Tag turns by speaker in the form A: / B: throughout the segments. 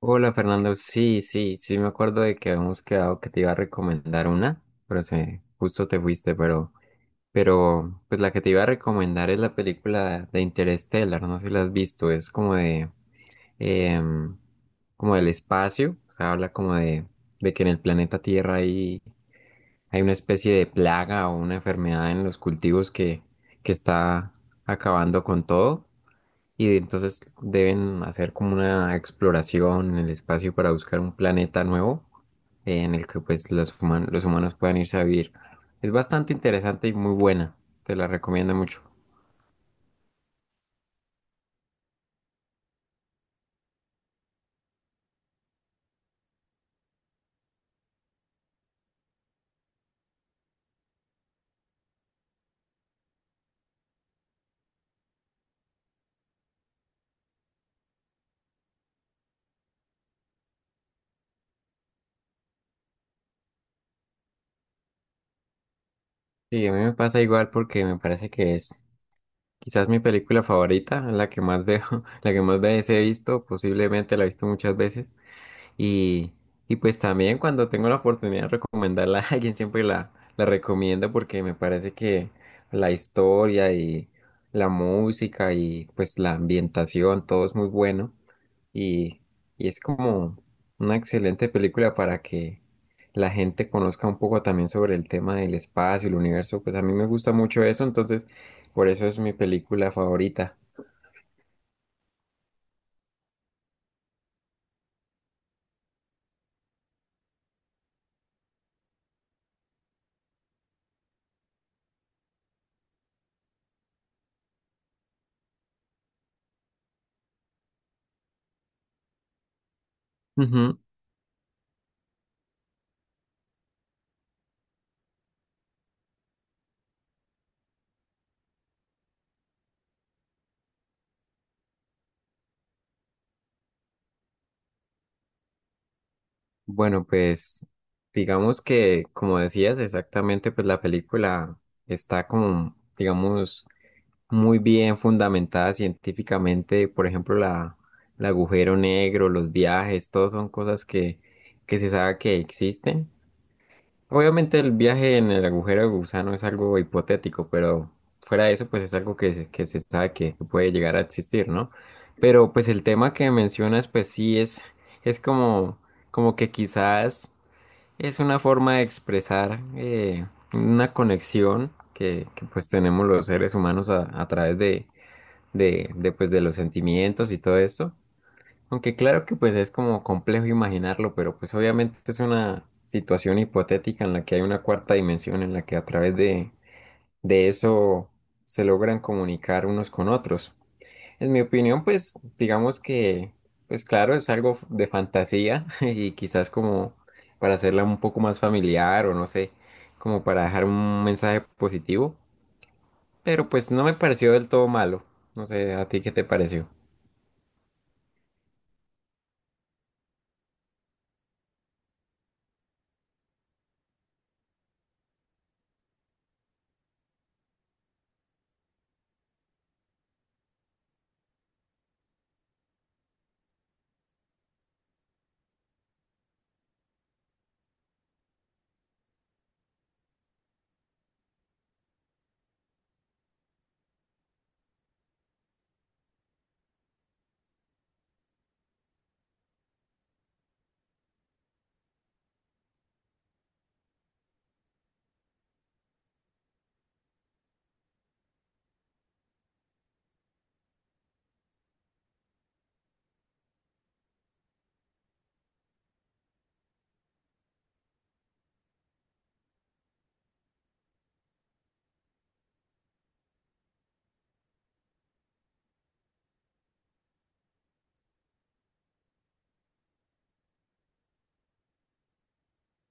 A: Hola Fernando, sí, sí, sí me acuerdo de que habíamos quedado que te iba a recomendar una, pero se, justo te fuiste, pero, pues la que te iba a recomendar es la película de Interstellar, no sé si la has visto, es como de, em, como del espacio, o sea, habla como de que en el planeta Tierra hay, hay una especie de plaga o una enfermedad en los cultivos que está acabando con todo. Y entonces deben hacer como una exploración en el espacio para buscar un planeta nuevo en el que pues los humanos puedan irse a vivir. Es bastante interesante y muy buena. Te la recomiendo mucho. Sí, a mí me pasa igual porque me parece que es quizás mi película favorita, la que más veo, la que más veces he visto, posiblemente la he visto muchas veces. Y, y pues también cuando tengo la oportunidad de recomendarla a alguien, siempre la, la recomiendo porque me parece que la historia y la música y pues la ambientación, todo es muy bueno. Y, y es como una excelente película para que la gente conozca un poco también sobre el tema del espacio, el universo. Pues a mí me gusta mucho eso, entonces por eso es mi película favorita. Bueno, pues digamos que, como decías, exactamente, pues la película está como, digamos, muy bien fundamentada científicamente. Por ejemplo, la, el agujero negro, los viajes, todo son cosas que se sabe que existen. Obviamente el viaje en el agujero de gusano es algo hipotético, pero fuera de eso, pues es algo que se sabe que puede llegar a existir, ¿no? Pero pues el tema que mencionas, pues sí es como, como que quizás... Es una forma de expresar una conexión que, pues tenemos los seres humanos a través de, pues, de los sentimientos y todo esto. Aunque claro que pues es como complejo imaginarlo, pero pues obviamente es una situación hipotética en la que hay una cuarta dimensión en la que a través de eso se logran comunicar unos con otros. En mi opinión, pues digamos que, pues claro, es algo de fantasía y quizás como para hacerla un poco más familiar o no sé, como para dejar un mensaje positivo, pero pues no me pareció del todo malo. No sé, ¿a ti qué te pareció?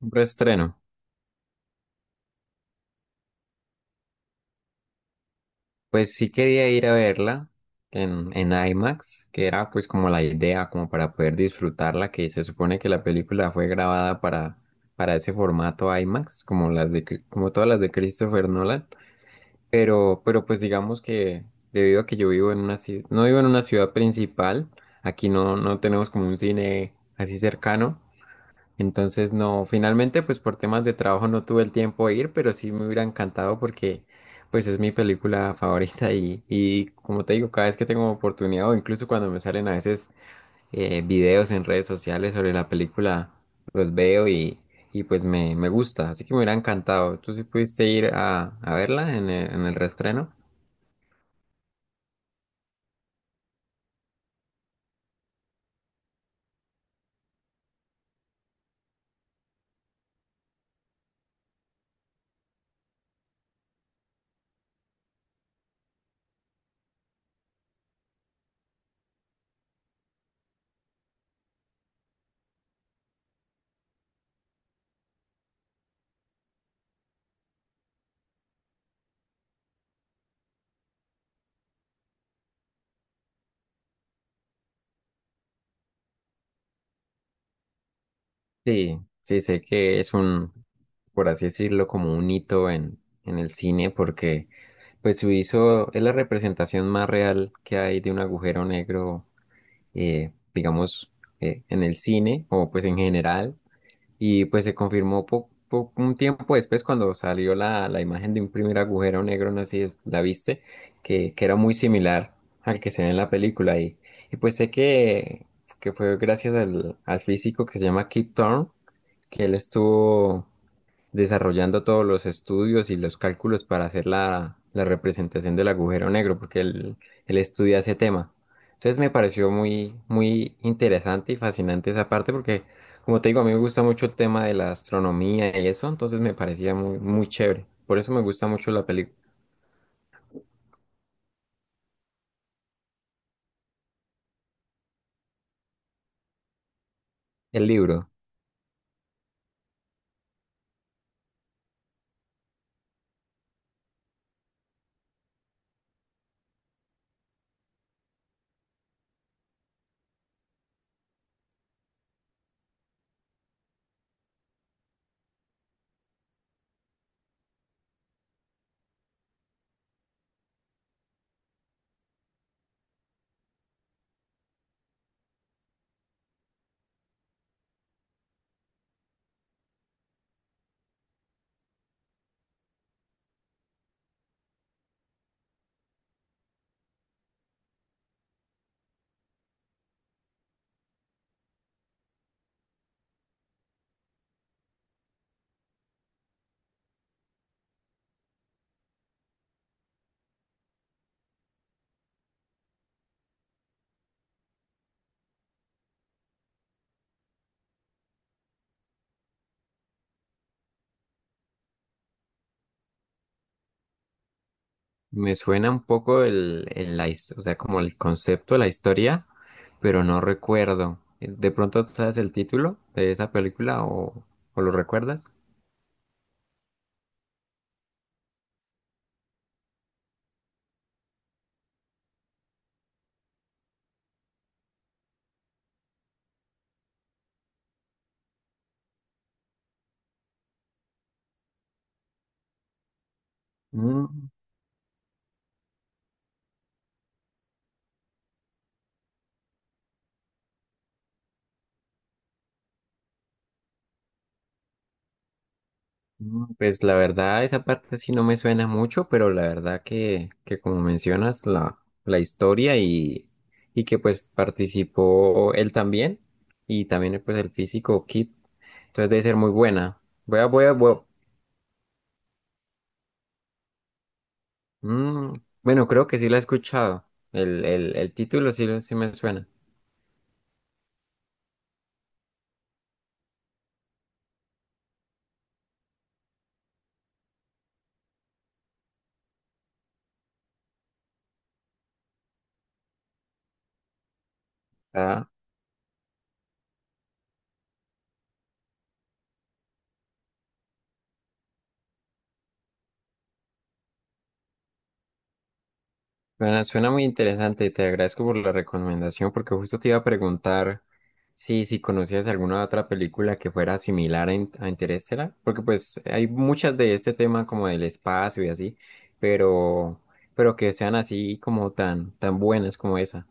A: Un reestreno. Pues sí quería ir a verla en IMAX, que era pues como la idea, como para poder disfrutarla, que se supone que la película fue grabada para ese formato IMAX, como las de, como todas las de Christopher Nolan. Pero, pues digamos que debido a que yo vivo en una ciudad, no vivo en una ciudad principal, aquí no, no tenemos como un cine así cercano, entonces no, finalmente pues por temas de trabajo no tuve el tiempo de ir, pero sí me hubiera encantado porque pues es mi película favorita y como te digo, cada vez que tengo oportunidad o incluso cuando me salen a veces videos en redes sociales sobre la película, los veo y pues me gusta, así que me hubiera encantado. ¿Tú sí pudiste ir a verla en el reestreno? Sí, sí, sé que es un, por así decirlo, como un hito en el cine, porque pues su hizo es la representación más real que hay de un agujero negro, digamos, en el cine, o pues en general, y pues se confirmó un tiempo después cuando salió la, la imagen de un primer agujero negro, no sé si la viste, que era muy similar al que se ve en la película, y pues sé que fue gracias al, al físico que se llama Kip Thorne, que él estuvo desarrollando todos los estudios y los cálculos para hacer la, la representación del agujero negro, porque él estudia ese tema. Entonces me pareció muy, muy interesante y fascinante esa parte, porque como te digo, a mí me gusta mucho el tema de la astronomía y eso, entonces me parecía muy, muy chévere. Por eso me gusta mucho la película, el libro. Me suena un poco el, o sea, como el concepto, la historia, pero no recuerdo. ¿De pronto sabes el título de esa película o lo recuerdas? Mm, Pues la verdad, esa parte sí no me suena mucho, pero la verdad que como mencionas, la historia y que pues participó él también y también pues el físico Kip, entonces debe ser muy buena. Voy a, voy a, voy a- Mm, bueno, creo que sí la he escuchado. El título sí, sí me suena. Ah, bueno, suena muy interesante y te agradezco por la recomendación porque justo te iba a preguntar si, si conocías alguna otra película que fuera similar a, a Interestelar, porque pues hay muchas de este tema como del espacio y así, pero, pero que sean así como tan, tan buenas como esa.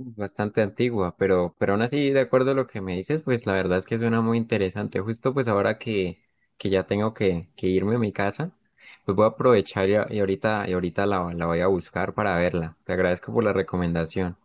A: Bastante antigua, pero aún así, de acuerdo a lo que me dices, pues la verdad es que suena muy interesante. Justo pues ahora que ya tengo que irme a mi casa, pues voy a aprovechar y, y ahorita la, la voy a buscar para verla. Te agradezco por la recomendación.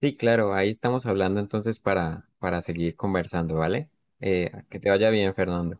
A: Sí, claro, ahí estamos hablando entonces para seguir conversando, ¿vale? Que te vaya bien, Fernando.